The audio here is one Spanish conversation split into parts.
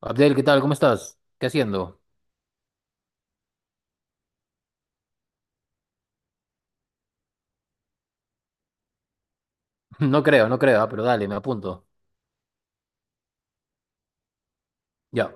Abdel, ¿qué tal? ¿Cómo estás? ¿Qué haciendo? No creo, no creo, ah, pero dale, me apunto. Ya.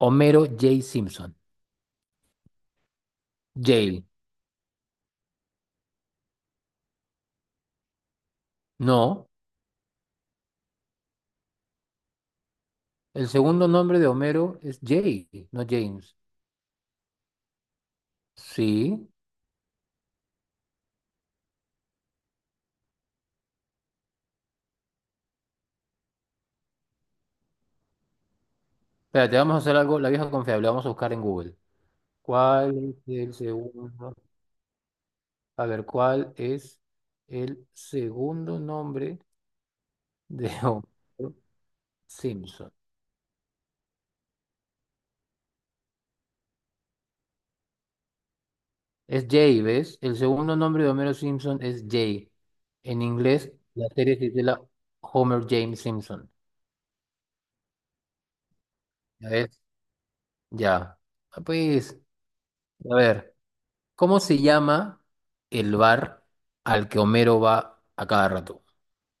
Homero J. Simpson. Jale. No. El segundo nombre de Homero es Jay, no James. Sí. Espérate, vamos a hacer algo, la vieja confiable, vamos a buscar en Google. ¿Cuál es el segundo? A ver, ¿cuál es el segundo nombre de Homero Simpson? Es Jay, ¿ves? El segundo nombre de Homero Simpson es Jay. En inglés, la serie se titula Homer James Simpson. ¿Ya ves? Ya. Ah, pues, a ver, ¿cómo se llama el bar al que Homero va a cada rato?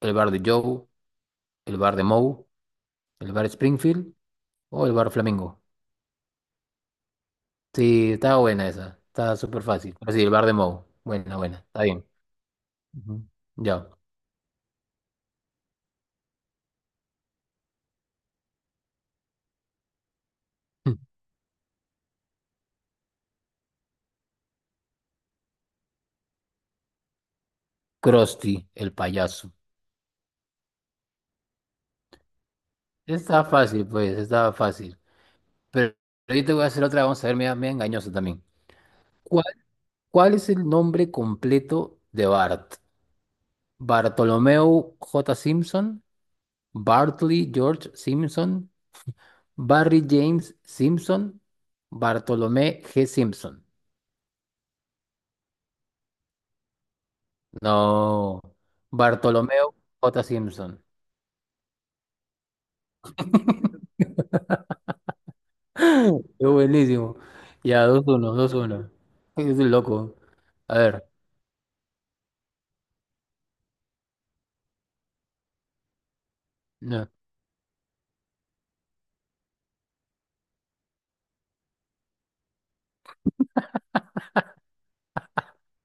¿El bar de Joe? ¿El bar de Moe? ¿El bar Springfield? ¿O el bar Flamingo? Sí, está buena esa. Está súper fácil. Pero sí, el bar de Moe. Buena, buena. Está bien. Ujú. Ya. Krusty, el payaso. Está fácil, pues, está fácil. Pero ahorita te voy a hacer otra, vamos a ver, media, media engañosa también. ¿Cuál, cuál es el nombre completo de Bart? Bartolomeo J. Simpson, Bartley George Simpson, Barry James Simpson, Bartolomé G. Simpson. No, Bartolomeo J. Simpson. Es buenísimo. Ya, dos uno, dos uno. Es un loco. A ver. No.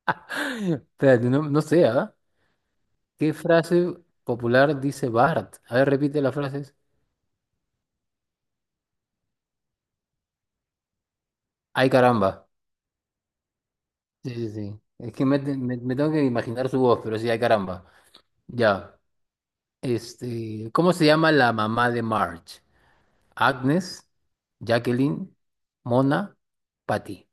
Espérate, no, no sé, ¿ah? ¿Qué frase popular dice Bart? A ver, repite las frases. Ay, caramba. Sí, sí, sí. Es que me tengo que imaginar su voz, pero sí, ay, caramba. Ya. Este, ¿cómo se llama la mamá de Marge? Agnes, Jacqueline, Mona, Patty.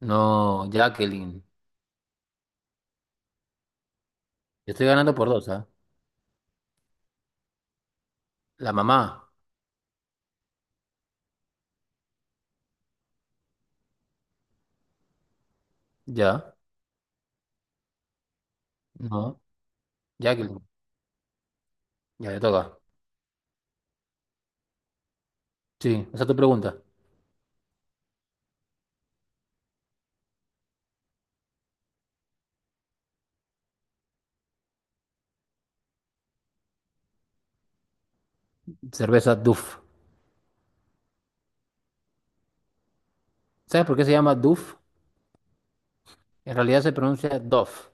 No, Jacqueline. Yo estoy ganando por dos, ¿ah? La mamá. Ya. No, Jacqueline. Ya le toca. Sí, esa es tu pregunta. Cerveza Duff. ¿Sabes por qué se llama Duff? En realidad se pronuncia Duff.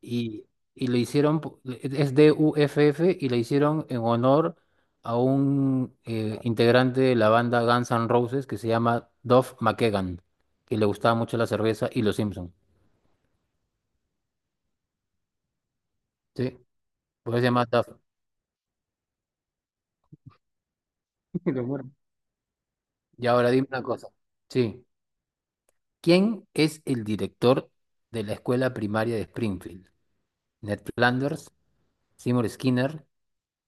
y, y le hicieron, es de UFF y le hicieron en honor a un integrante de la banda Guns N' Roses que se llama Duff McKagan, que le gustaba mucho la cerveza y los Simpsons. ¿Sí? Por eso se llama Duff. Lo muero. Y ahora dime una cosa. Sí. ¿Quién es el director de la escuela primaria de Springfield? Ned Flanders, Seymour Skinner,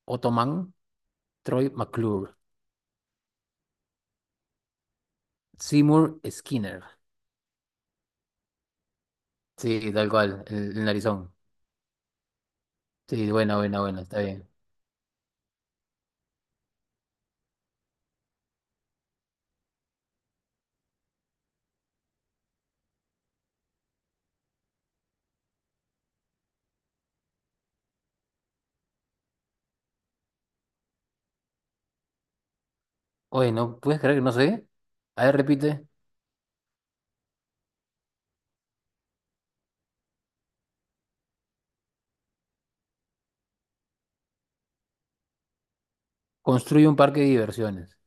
Otto Mann, Troy McClure. Seymour Skinner. Sí, tal cual, el narizón. Sí, bueno, bueno, bueno, está bien. Oye, ¿no puedes creer que no sé? A ver, repite. Construye un parque de diversiones.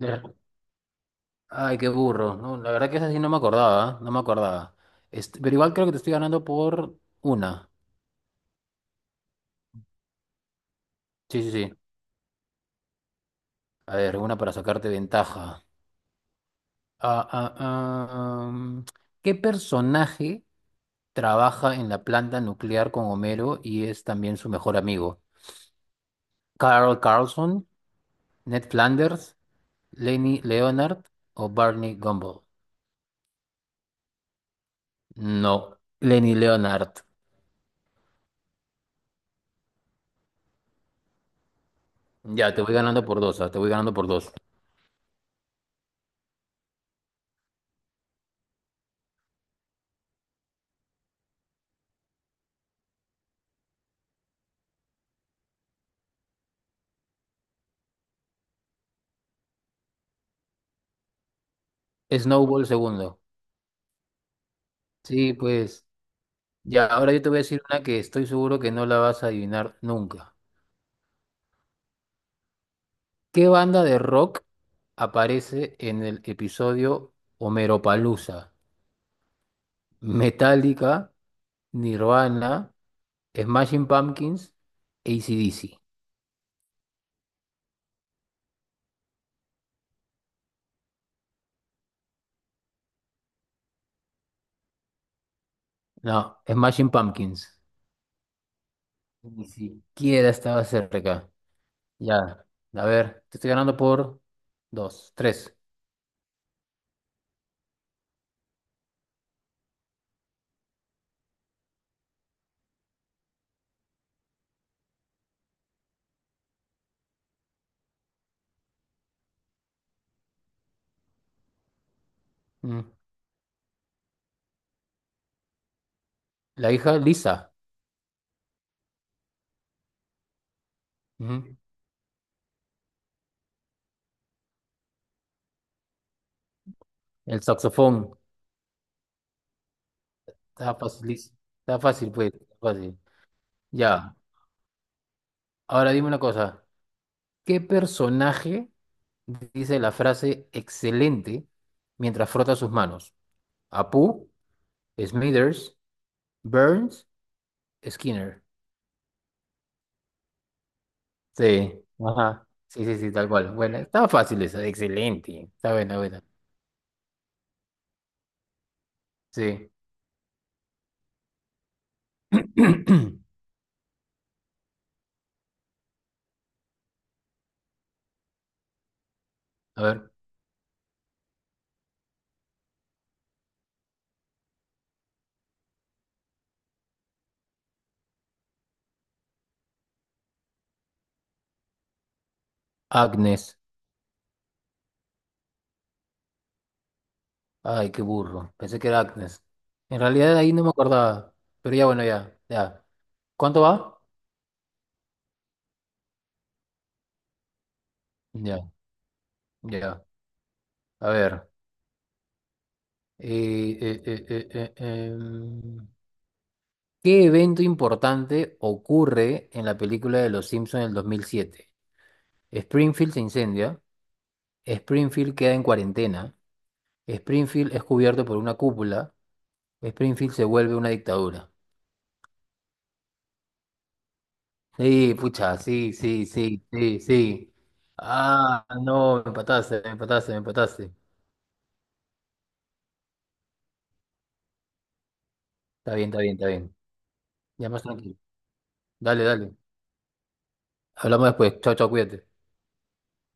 Ya. Ay, qué burro. No, la verdad que esa sí no me acordaba, ¿ah? No me acordaba. Este, pero igual creo que te estoy ganando por una. Sí, sí, sí. A ver, una para sacarte ventaja. Ah, ah, ah, mm, ¿Qué personaje trabaja en la planta nuclear con Homero y es también su mejor amigo? ¿Carl Carlson, Ned Flanders, Lenny Leonard o Barney Gumble? No, Lenny Leonard. Ya, te voy ganando por dos, ah. Te voy ganando por dos. Snowball segundo. Sí, pues. Ya, ahora yo te voy a decir una que estoy seguro que no la vas a adivinar nunca. ¿Qué banda de rock aparece en el episodio Homeropalooza? Metallica, Nirvana, Smashing Pumpkins, AC/DC. No, Smashing Pumpkins. Ni siquiera estaba cerca. Ya, a ver, te estoy ganando por dos, tres. Mm. La hija Lisa. Ujú. El saxofón. Está fácil, está fácil, pues. Está fácil. Ya. Ahora dime una cosa. ¿Qué personaje dice la frase excelente mientras frota sus manos? ¿Apu, Smithers, Burns, Skinner? Sí. Ajá. Sí, sí, sí, tal cual. Bueno, estaba fácil esa. Excelente. Está buena, buena. Sí. A ver. Agnes. Ay, qué burro. Pensé que era Agnes. En realidad ahí no me acordaba. Pero ya, bueno, ya, ya. ¿Cuánto va? Ya, ya. A ver. eh, eh, eh, eh, eh, em, ¿Qué evento importante ocurre en la película de Los Simpsons del 2007? Springfield se incendia. Springfield queda en cuarentena. Springfield es cubierto por una cúpula. Springfield se vuelve una dictadura. Sí, pucha, sí, sí, sí, sí, sí. Ah, no, me empataste, me empataste, me empataste. Está bien, está bien, está bien. Ya más tranquilo. Dale, dale. Hablamos después. Chao, chao, cuídate.